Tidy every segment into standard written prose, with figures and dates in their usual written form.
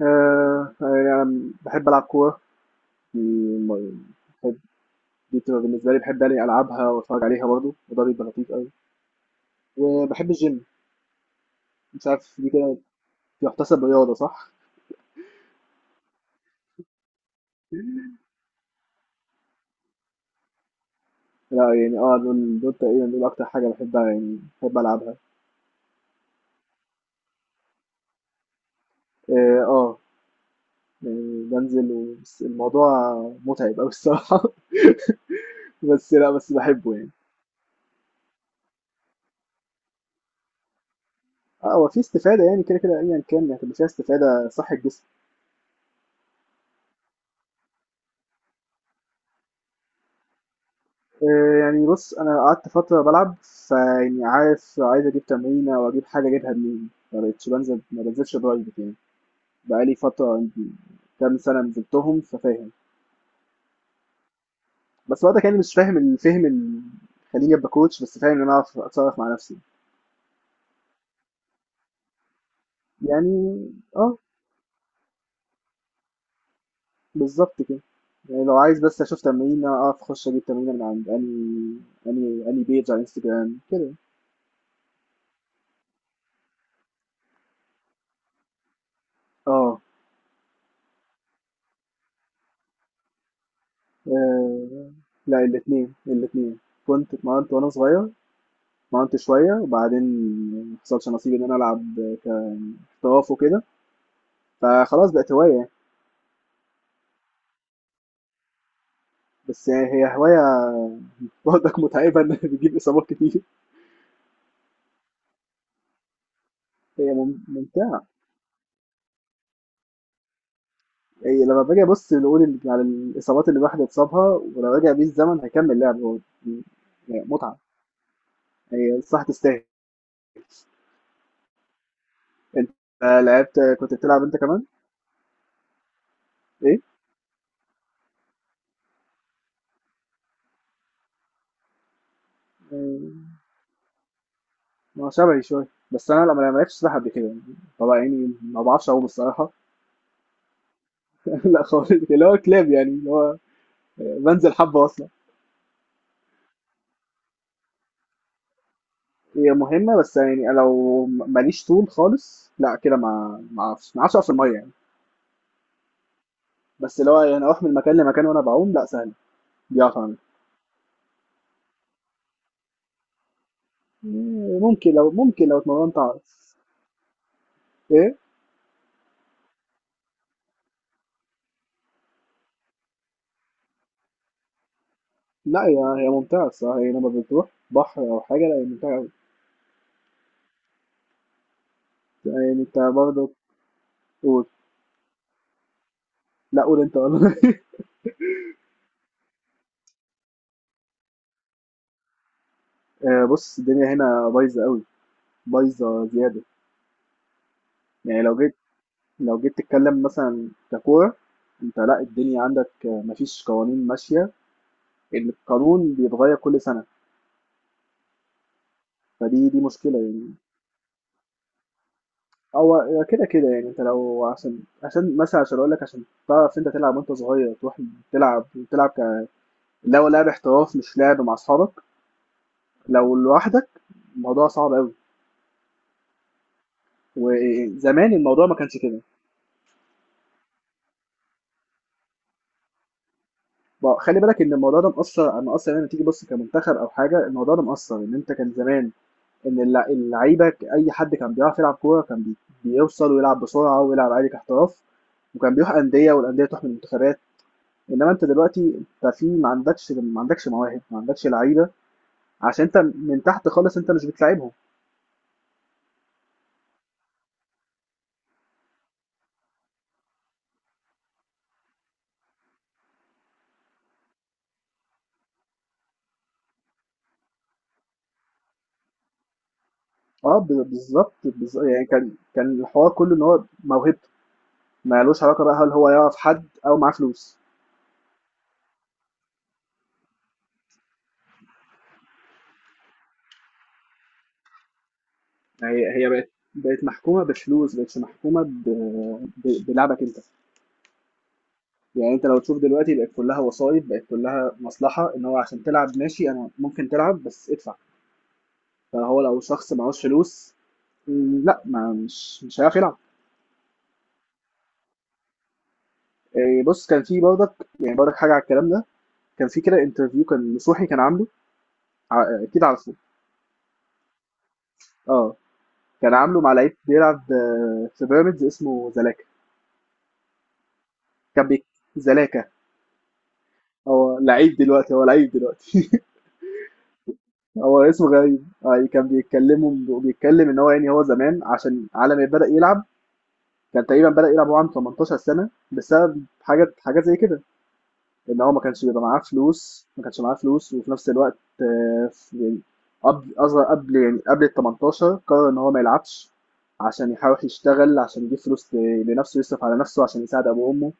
فيعني باحب ألعب كورة، دي م باحب دي بتبقى بالنسبة لي باحب يعني ألعبها وأتفرّج عليها برضه، وده بيبقى لطيف أوي، وباحب الgym. مش عارف دي كده تُحتسب رياضة صح؟ لأ يعني آه، دول تقريبًا أكتر حاجة باحبها يعني باحب ألعبها. آه، يعني بانزل و بس الموضوع مُتعب أوي الصراحة. بس لأ، بس باحبه يعني. آه، هو في استفادة يعني كده، كده أيًا كان يعني هتبقى فيها استفادة صح الجسم. يعني بُص، أنا قعدت فترة بالعب، فيعني عارف عايز أجيب تمرينة أو أجيب حاجة أجيبها منين، ما بقيتش بانزل ما بانزلش private يعني. بقى لي فترة يمكن كام سَنة نزلتهم ففاهم، بس وقتها يعني مش فاهم الفهم ال، خلّيني أبقى coach بس فاهم إن أنا أعرف أتصرّف مع نَفْسي، يعني آه، بالضبط كده. يعني لو عايز بس أشوف تمرينة أعرف أخُش أجيب تمرينة من عند أنهي page على الInstagram كده. آه، آآ لأ الاتنين، الاتنين، كنت اتمرّنت وأنا صغير، اتمرنت شوية وبعدين ما حصلش نصيب إن أنا ألعب ك احتراف وكده، فخلاص بقت هواية يعني. بس يعني هي هواية برضك متعبة إن بتجيب إصابات كتير. هي ممتعة. هي لما باجي أبص نقول على الإصابات اللي الواحد اتصابها، ولو رجع بيه الزمن هيكمل لعب هو، يعني متعة، هي صح تستاهل. أنت لعبت، كنت بتلعب أنت كمان؟ إيه؟ آه، ما شبهي شوية، بس أنا لما ما لعبتش سباحة قبل كده يعني. طبعا يعني ما بعرفش أعوم الصراحة. لا خالص اللي هو كلاب يعني اللي هو بانزل حبة أصلًا. هي مهمة بس يعني أنا لو ماليش طول خالص، لأ كده ما أعرفش، ما أعرفش أقف في المَيّة يعني. بس اللي هو يعني أروح من مكان لمكان وأنا باعوم لأ سهلة، دي أعرف أعملها. ممكن لو، ممكن لو اتمرنت أعرف. إيه؟ لأ هي ممتعة الصراحة، هي لمّا بتروح بحر أو حاجة لأ هي ممتعة أوي. يعني أنت برضه قُل. لأ قُل أنت والّا؟ بُص الدنيا هنا بايظة أوي، بايظة زيادة. يعني لو جيت تتكلم مثلًا ككورة، أنت لأ الدنيا عندك ما فيش قوانين ماشية، القانون بيتغيّر كل سَنة. فدي مشكلة يعني. هو هي كده، كده يعني أنت لو، عشان مثلًا عشان أقول لك عشان تعرف أنت تلعب، وأنت صغير تروح تلعب تلعب اللي هو لعب احتراف مش لعب مع أصحابك. لو لوحدك الموضوع صعب أوي، وزمان الموضوع ما كانش كده. ما خلّي بالك إن الموضوع ده مأثّر يعني لمّا تيجي تبُص كمنتخب أو حاجة، الموضوع ده مأثّر، إن أنت كان زمان، إن اللعيبة أي حد كان بيعرف يلعب كورة كان بيوصل ويلعب بسرعة ويلعب عادي كاحتراف، وكان بيروح أندية والأندية تروح من المنتخبات. إنما أنت دلوقتي أنت في، ما عندكش مواهب، ما عندكش لعيبة، عشان أنت من تحت خالص أنت مش بتلاعبهم. آه بالضبط، يعني كان الحوار كله إن هو موهبته، ما لوش علاقة بقى هل هو يعرف حد أو معاه فلوس. هي بقت محكومة بفلوس، ما بقتش محكومة ب بلعبك أنت. يعني أنت لو تشوف دلوقتي بقت كلها وسايط، بقت كلها مصلحة، إن هو عشان تلعب ماشي أنا ممكن تلعب بس ادفع. فهو لو شخص معهوش فلوس، لأ ما مش هيعرف يلعب. آه، بص كان في برضك، يعني برضك حاجه على الكلام ده، كان في كده انترفيو كان نصوحي كان عامله، آه، اكيد عارفه. اه كان عامله مع لعيب بيلعب آه، في بيراميدز اسمه زلاكا. كان بيك، زلاكا. هو لعيب دلوقتي. هو اسمه غريب آه. كان بيتكلم ان هو يعني هو زمان عشان على ما بدأ يلعب كان تقريبا بدأ يلعب وهو عنده 18 سنة بسبب حاجات زي كده، ان هو ما كانش بيبقى معاه فلوس، ما كانش معاه فلوس وفي نفس الوقت آه، يعني قبل اصغر، قبل يعني قبل ال 18 قرر ان هو ما يلعبش عشان يحاول يشتغل عشان يجيب فلوس لنفسه يصرف على نفسه عشان يساعد ابو وامه،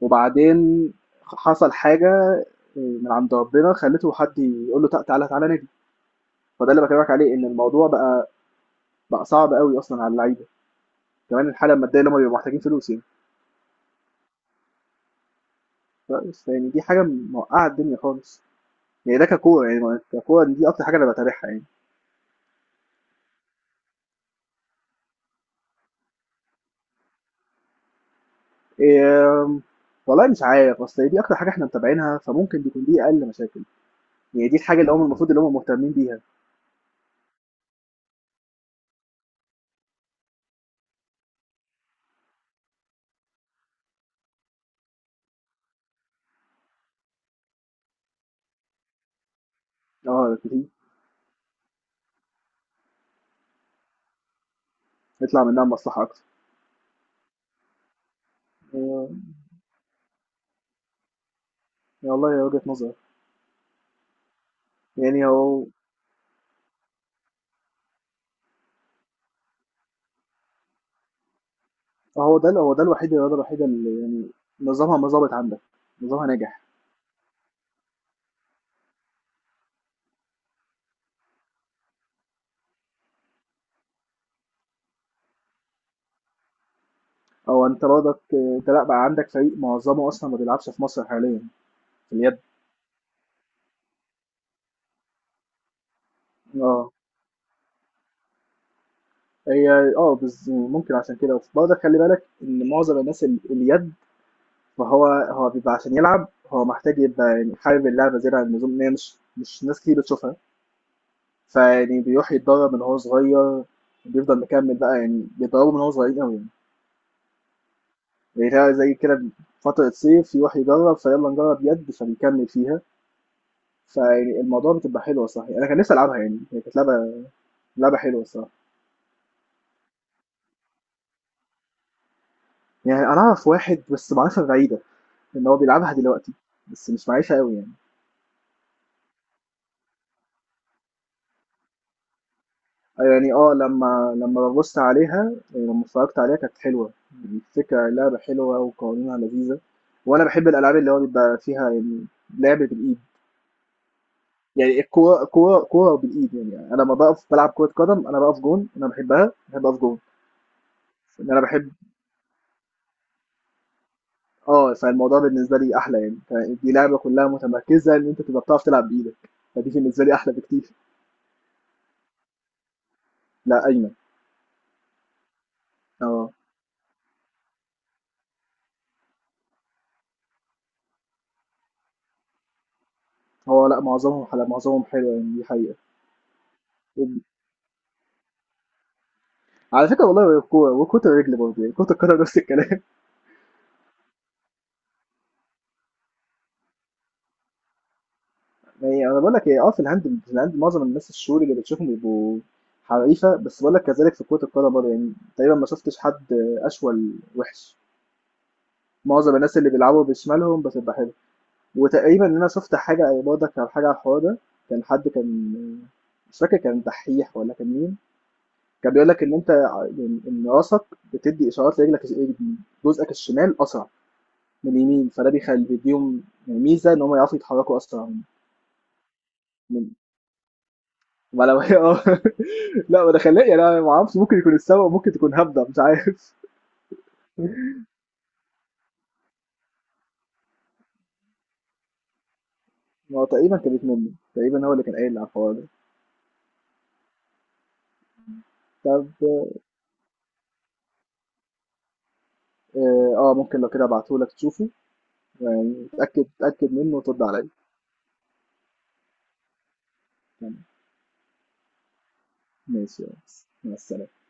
وبعدين حصل حاجه آه، من عند ربنا خلته حد يقول له: تعالى تعالى نادي". فده اللي بكلمك عليه ان الموضوع بقى صعب قوي اصلا على اللعيبه، كمان الحاله الماديه اللي هم بيبقوا محتاجين فلوس يعني. بس يعني دي حاجه موقعه الدنيا خالص. يعني ده ككوره، يعني ككوره دي اكتر حاجه انا بتابعها يعني. آمم، والله مش عارف، أصل هي دي أكتر حاجة إحنا متابعينها، فممكن تكون دي أقل مشاكل، يعني دي الحاجة اللي هُم المفروض اللي هُم مهتمين بيها. آه، دي يطلع منها مصلحة أكتر. آآ، والله هي وجهة نظر. يعني هو ده الوحيد، الرياضة الوحيدة اللي يعني نظامها ما ضابط عندك، نظامها ناجح. هو أنت برضك آه، أنت لأ بقى عندك فريق معظمه أصلًا ما بيلعبش في مصر حاليًا، في اليد. آه، هي آه، ممكن عشان كده، برضك خلّي بالك إن معظم الناس ال اليد، ما هو بيبقى عشان يلعب هو محتاج يبقى يعني حابب اللعبة زيادة عن اللزوم، إن هي مش ناس كتير بتشوفها. فيعني بيروح يتدرب من هو صغير، بيفضل مكمل بقى، يعني بيتدربوا من هو صغير قوي، يعني زي كده فترة صيف يروح يجرب فيلا نجرب يد فبيكمل فيها. فيعني الموضوع بتبقى حلوة صح، يعني أنا كان نفسي ألعبها، يعني هي كانت لعبة حلوة الصراحة. يعني أنا أعرف واحد بس معرفة بعيدة إن هو بيلعبها دلوقتي، بس مش معيشها قوي يعني. يعني اه لما ببص عليها، يعني لما اتفرجت عليها كانت حلوة، يعني الفكرة اللعبة حلوة وقوانينها لذيذة، وأنا بحب الألعاب اللي هو بيبقى فيها يعني لعب بالإيد. يعني الكورة، كورة بالإيد، يعني أنا لما بقف بلعب كرة قدم أنا بقف جون، أنا بحبها بحب أقف جون، لأن أنا بحب. اه فالموضوع بالنسبة لي أحلى يعني، دي لعبة كلها متمركزة إن أنت تبقى بتعرف تلعب بإيدك، فدي بالنسبة لي أحلى بكتير. لا أيمن. اه هو لا معظمهم حلو، يعني دي حقيقة. على فكره والله الكوره وكره الرجل برضه يعني كره القدم نفس الكلام. يعني انا بقول لك ايه، اه في الهاند معظم الناس الشهور اللي بتشوفهم بيبقوا حريفه، بس بقول لك كذلك في كره القدم برضه يعني تقريبا ما شفتش حد اشول وحش. معظم الناس اللي بيلعبوا بشمالهم بتبقى حلوه. وتقريبا ان انا شفت حاجه برضه كان حاجه على الحوار ده، كان حد كان، مش فاكر كان دحيح ولا كان مين، كان بيقول لك ان انت يعني ان راسك بتدي اشارات لرجلك اليمين. جزءك الشمال اسرع من اليمين، فده بيخلي بيديهم يعني ميزه ان هم يعرفوا يتحركوا اسرع من. ما لو هي اه لا ما ده خلاه يعني، انا ما اعرفش ممكن يكون السبب، ممكن تكون هبده مش عارف. ما هو تقريبا كانت منه، تقريبا هو اللي كان قايل على الحوار ده. طب اه آه، ممكن لو كده ابعتهولك تشوفه، يعني اتاكد، اتاكد منه وترد عليا. تمام. ماشي يا ريس. مع السلامه.